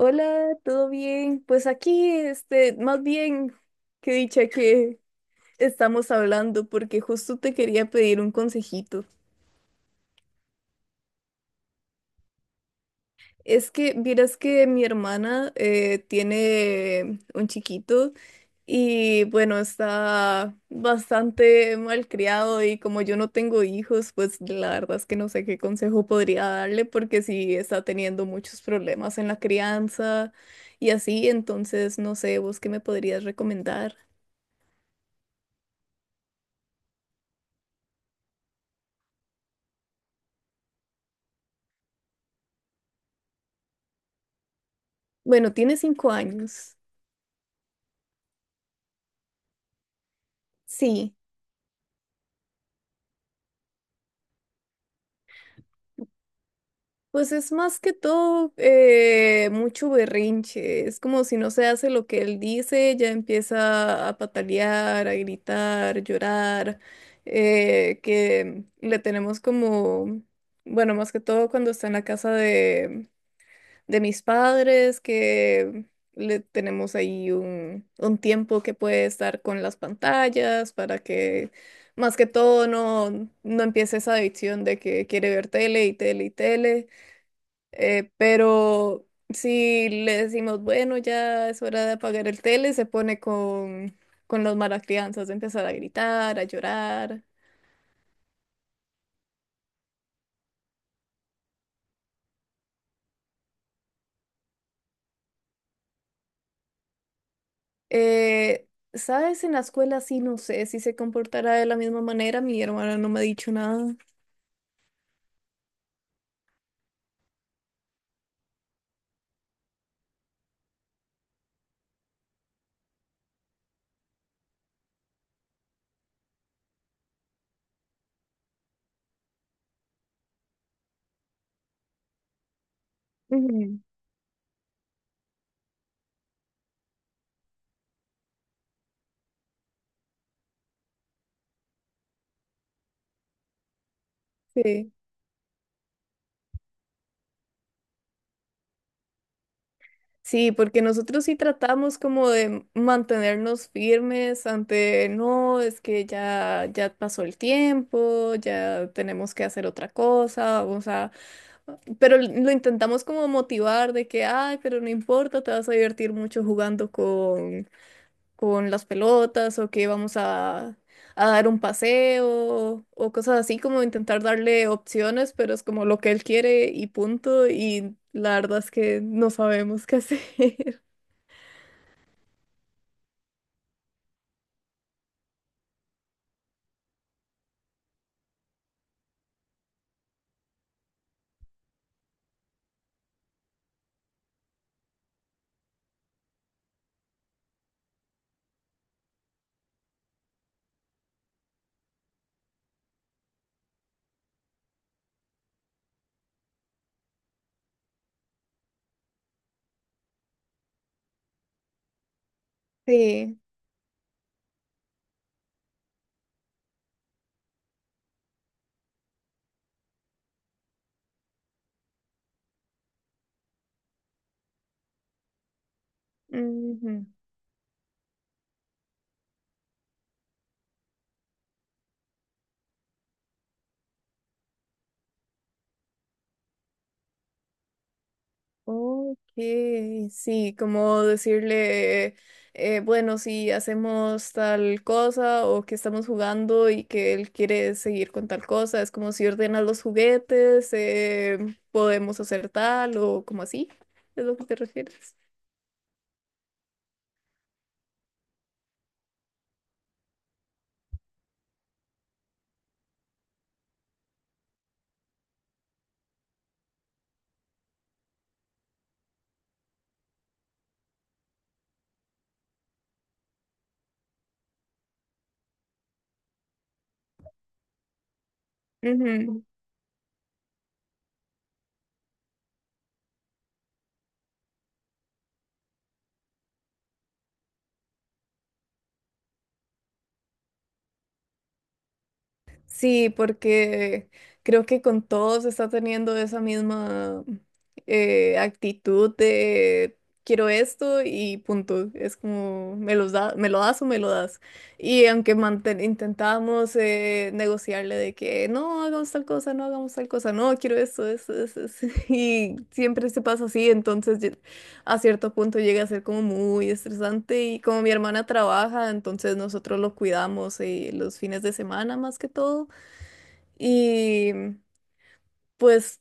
Hola, ¿todo bien? Pues aquí, más bien, qué dicha que estamos hablando, porque justo te quería pedir un consejito. Es que, vieras que mi hermana tiene un chiquito y bueno, está bastante malcriado y como yo no tengo hijos, pues la verdad es que no sé qué consejo podría darle porque sí está teniendo muchos problemas en la crianza y así, entonces no sé, ¿vos qué me podrías recomendar? Bueno, tiene 5 años. Sí, pues es más que todo mucho berrinche. Es como si no se hace lo que él dice, ya empieza a patalear, a gritar, llorar. Que le tenemos como, bueno, más que todo cuando está en la casa de mis padres, que le tenemos ahí un tiempo que puede estar con las pantallas para que más que todo no empiece esa adicción de que quiere ver tele y tele y tele. Pero si le decimos, bueno, ya es hora de apagar el tele, se pone con los malacrianzas de empezar a gritar, a llorar. Eh, ¿Sabes? En la escuela sí, no sé si se comportará de la misma manera. Mi hermana no me ha dicho nada. Ujú. Sí, sí, porque nosotros sí tratamos como de mantenernos firmes ante, no, es que ya pasó el tiempo, ya tenemos que hacer otra cosa, pero lo intentamos como motivar de que, ay, pero no importa, te vas a divertir mucho jugando con las pelotas o que a dar un paseo o cosas así, como intentar darle opciones, pero es como lo que él quiere y punto, y la verdad es que no sabemos qué hacer. Sí. Ujú. Ok, sí, como decirle, bueno, si hacemos tal cosa o que estamos jugando y que él quiere seguir con tal cosa, es como si ordenas los juguetes, podemos hacer tal o como así, es lo que te refieres. Sí, porque creo que con todos está teniendo esa misma actitud de quiero esto y punto. Es como me los da, me lo das o me lo das. Y aunque intentábamos negociarle de que no hagamos tal cosa, no hagamos tal cosa, no quiero esto, esto, esto, esto", Y siempre se pasa así, a cierto punto llega a ser como muy estresante. Y como mi hermana trabaja, entonces nosotros lo cuidamos los fines de semana más que todo. Y pues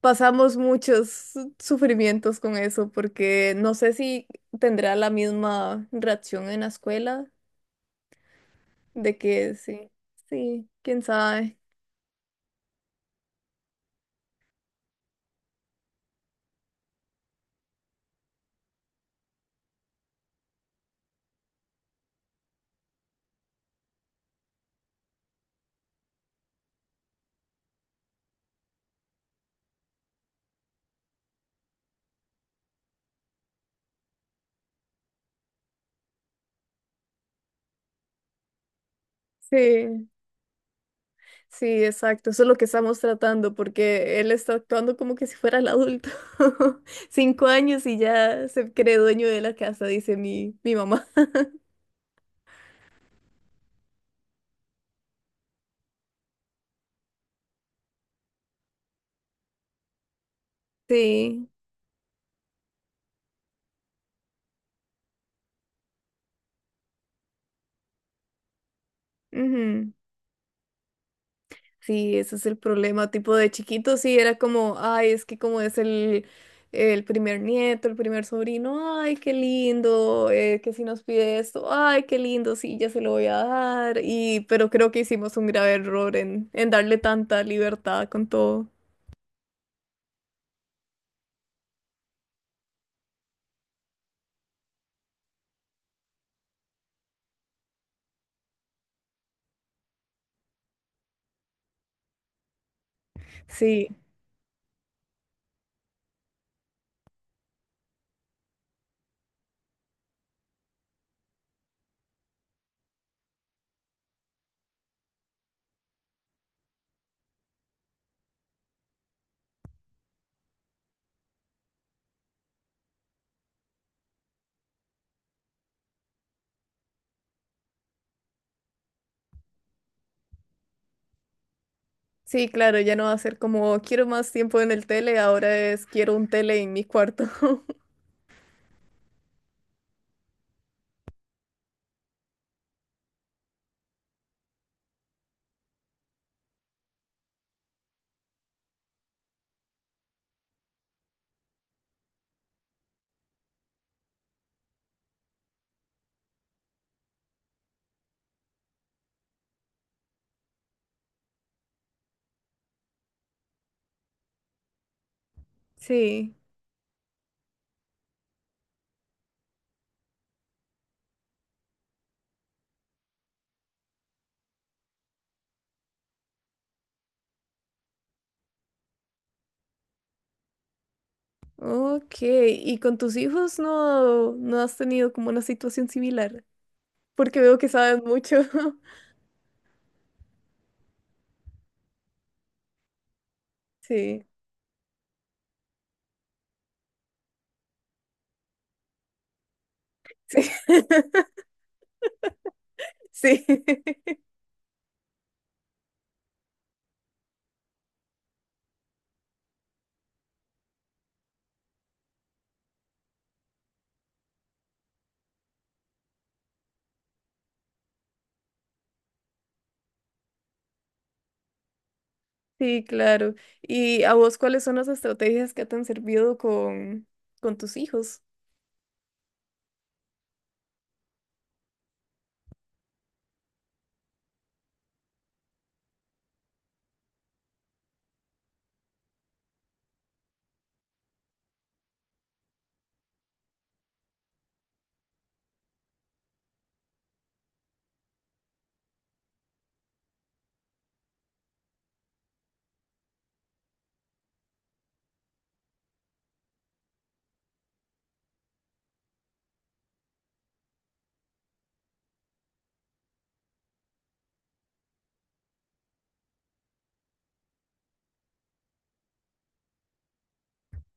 pasamos muchos sufrimientos con eso, porque no sé si tendrá la misma reacción en la escuela, de que sí, sí, quién sabe. Sí, sí, exacto, eso es lo que estamos tratando, porque él está actuando como que si fuera el adulto. 5 años y ya se cree dueño de la casa, dice mi mamá. Sí. Ujú. Sí, ese es el problema. Tipo de chiquito, sí, era como, ay, es que como es el primer nieto, el primer sobrino, ay, qué lindo, que si nos pide esto, ay, qué lindo, sí, ya se lo voy a dar. Y, pero creo que hicimos un grave error en darle tanta libertad con todo. Sí, sí, claro, ya no va a ser como, quiero más tiempo en el tele, ahora es, quiero un tele en mi cuarto. Sí. Ok, ¿y con tus hijos no has tenido como una situación similar? Porque veo que sabes mucho. Sí, sí, sí, sí, claro. ¿Y a vos cuáles son las estrategias que te han servido con tus hijos?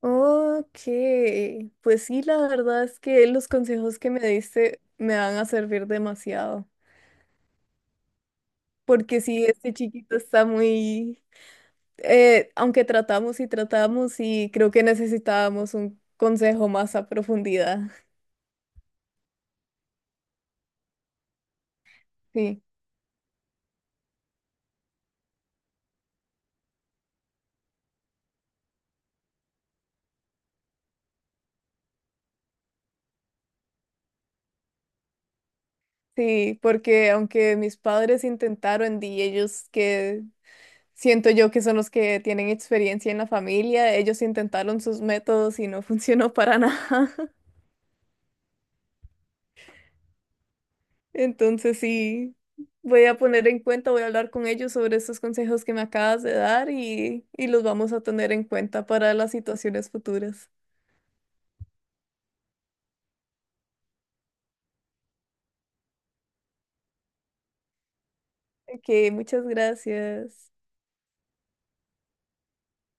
Ok, pues sí, la verdad es que los consejos que me diste me van a servir demasiado, porque sí, este chiquito está muy, aunque tratamos y tratamos y creo que necesitábamos un consejo más a profundidad. Sí. Sí, porque aunque mis padres intentaron y ellos que siento yo que son los que tienen experiencia en la familia, ellos intentaron sus métodos y no funcionó para nada. Entonces sí, voy a poner en cuenta, voy a hablar con ellos sobre estos consejos que me acabas de dar y los vamos a tener en cuenta para las situaciones futuras. Ok, muchas gracias.